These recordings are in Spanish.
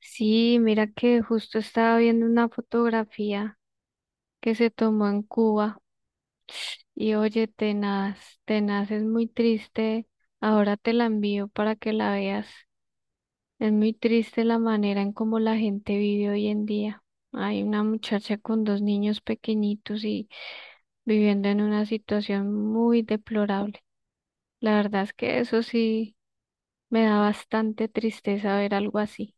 Sí, mira que justo estaba viendo una fotografía que se tomó en Cuba y oye, tenaz, tenaz, es muy triste. Ahora te la envío para que la veas. Es muy triste la manera en cómo la gente vive hoy en día. Hay una muchacha con dos niños pequeñitos y viviendo en una situación muy deplorable. La verdad es que eso sí me da bastante tristeza ver algo así.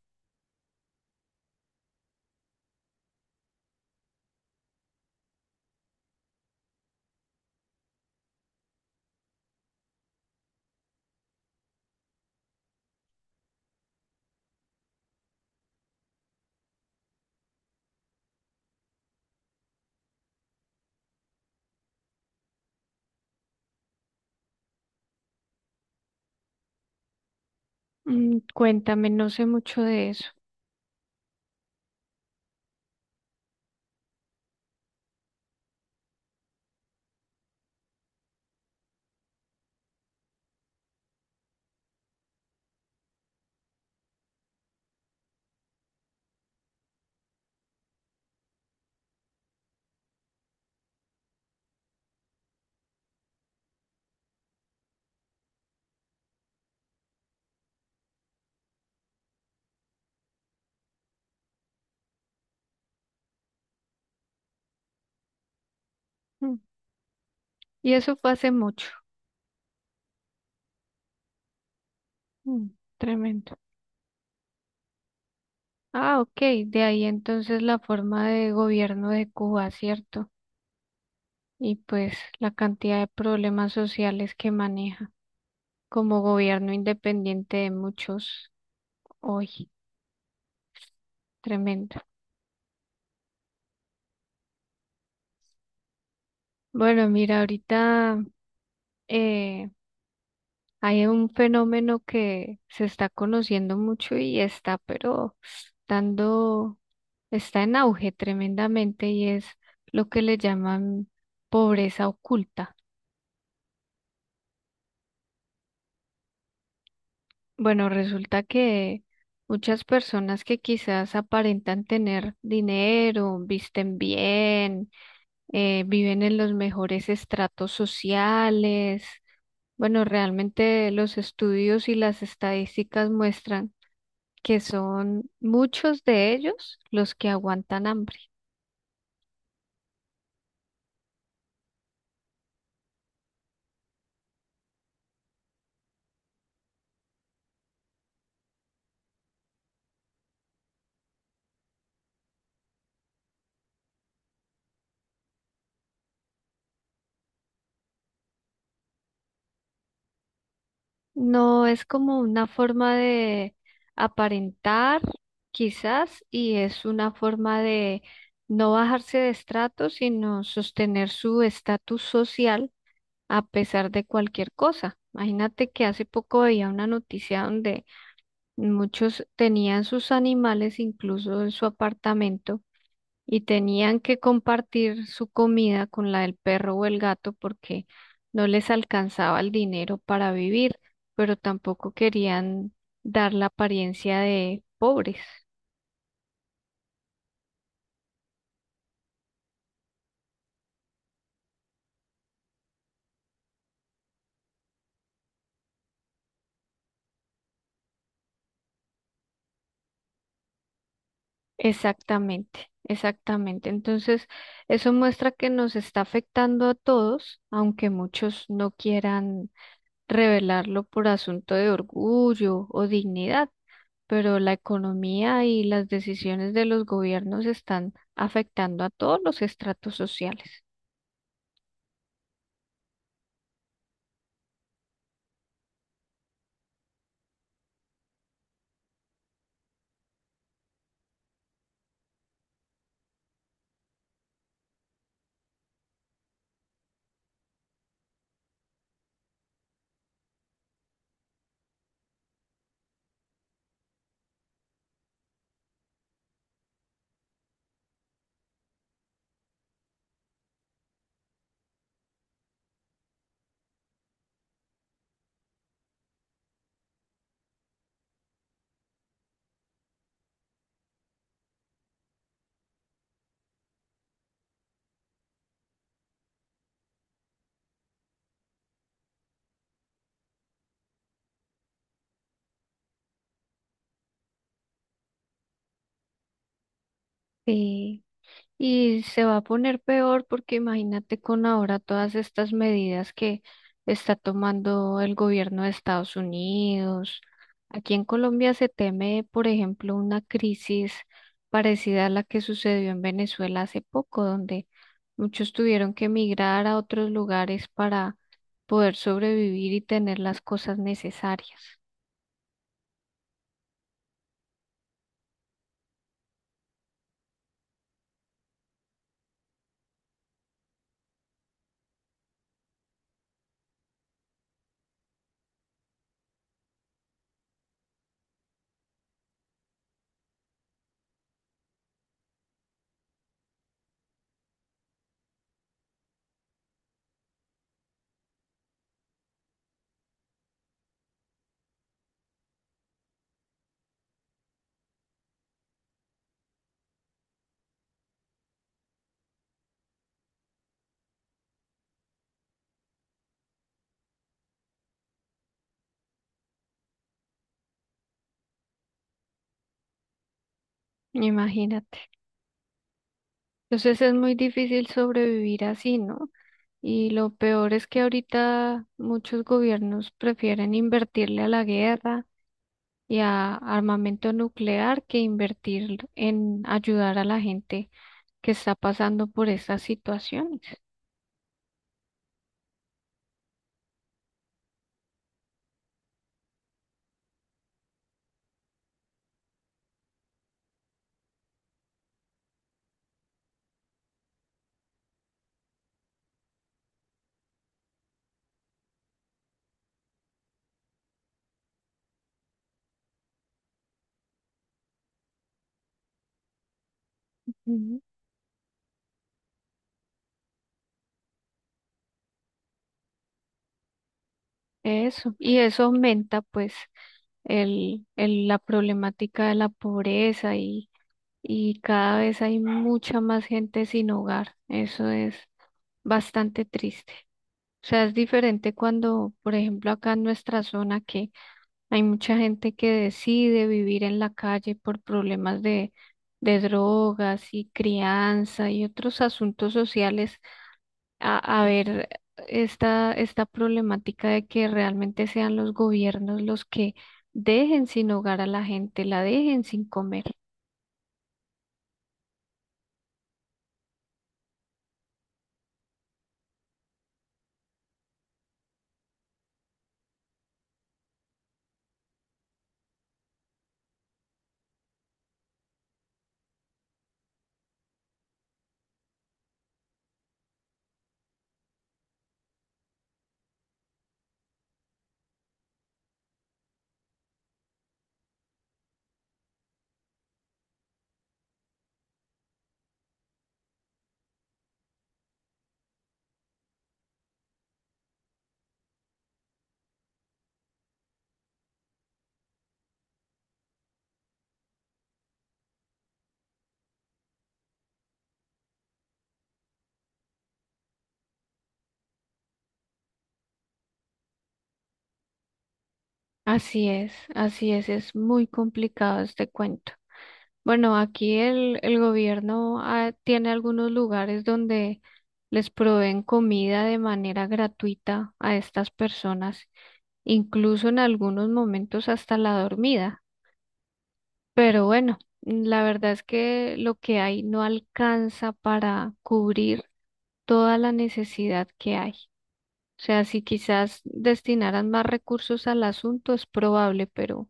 Cuéntame, no sé mucho de eso. Mm. Y eso fue hace mucho. Mm, tremendo. Ah, ok. De ahí entonces la forma de gobierno de Cuba, ¿cierto? Y pues la cantidad de problemas sociales que maneja como gobierno independiente de muchos hoy. Tremendo. Bueno, mira, ahorita eh, hay un fenómeno que se está conociendo mucho y está, pero dando, está en auge tremendamente y es lo que le llaman pobreza oculta. Bueno, resulta que muchas personas que quizás aparentan tener dinero, visten bien, viven en los mejores estratos sociales. Bueno, realmente los estudios y las estadísticas muestran que son muchos de ellos los que aguantan hambre. No es como una forma de aparentar, quizás, y es una forma de no bajarse de estrato, sino sostener su estatus social a pesar de cualquier cosa. Imagínate que hace poco veía una noticia donde muchos tenían sus animales incluso en su apartamento y tenían que compartir su comida con la del perro o el gato porque no les alcanzaba el dinero para vivir, pero tampoco querían dar la apariencia de pobres. Exactamente, exactamente. Entonces, eso muestra que nos está afectando a todos, aunque muchos no quieran revelarlo por asunto de orgullo o dignidad. Pero la economía y las decisiones de los gobiernos están afectando a todos los estratos sociales. Sí. Y se va a poner peor porque imagínate con ahora todas estas medidas que está tomando el gobierno de Estados Unidos. Aquí en Colombia se teme, por ejemplo, una crisis parecida a la que sucedió en Venezuela hace poco, donde muchos tuvieron que emigrar a otros lugares para poder sobrevivir y tener las cosas necesarias. Imagínate. Entonces es muy difícil sobrevivir así, ¿no? Y lo peor es que ahorita muchos gobiernos prefieren invertirle a la guerra y a armamento nuclear que invertir en ayudar a la gente que está pasando por estas situaciones. Ujú. Eso. Y eso aumenta pues la problemática de la pobreza y cada vez hay mucha más gente sin hogar. Eso es bastante triste. O sea, es diferente cuando, por ejemplo, acá en nuestra zona que hay mucha gente que decide vivir en la calle por problemas de drogas y crianza y otros asuntos sociales, a ver esta problemática de que realmente sean los gobiernos los que dejen sin hogar a la gente, la dejen sin comer. Así es muy complicado este cuento. Bueno, aquí el gobierno tiene algunos lugares donde les proveen comida de manera gratuita a estas personas, incluso en algunos momentos hasta la dormida. Pero bueno, la verdad es que lo que hay no alcanza para cubrir toda la necesidad que hay. O sea, si quizás destinaran más recursos al asunto es probable, pero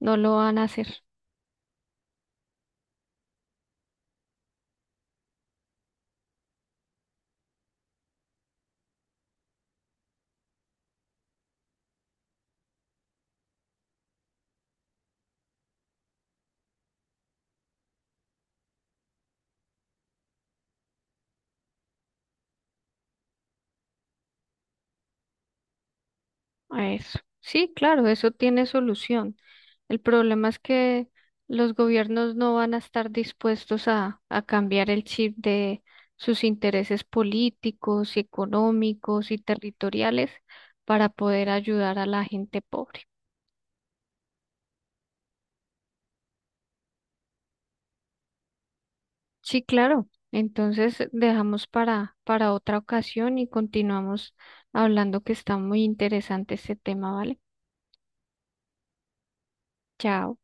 no lo van a hacer a eso. Sí, claro, eso tiene solución. El problema es que los gobiernos no van a estar dispuestos a cambiar el chip de sus intereses políticos, económicos y territoriales para poder ayudar a la gente pobre. Sí, claro. Entonces dejamos para otra ocasión y continuamos hablando que está muy interesante este tema, ¿vale? Chao.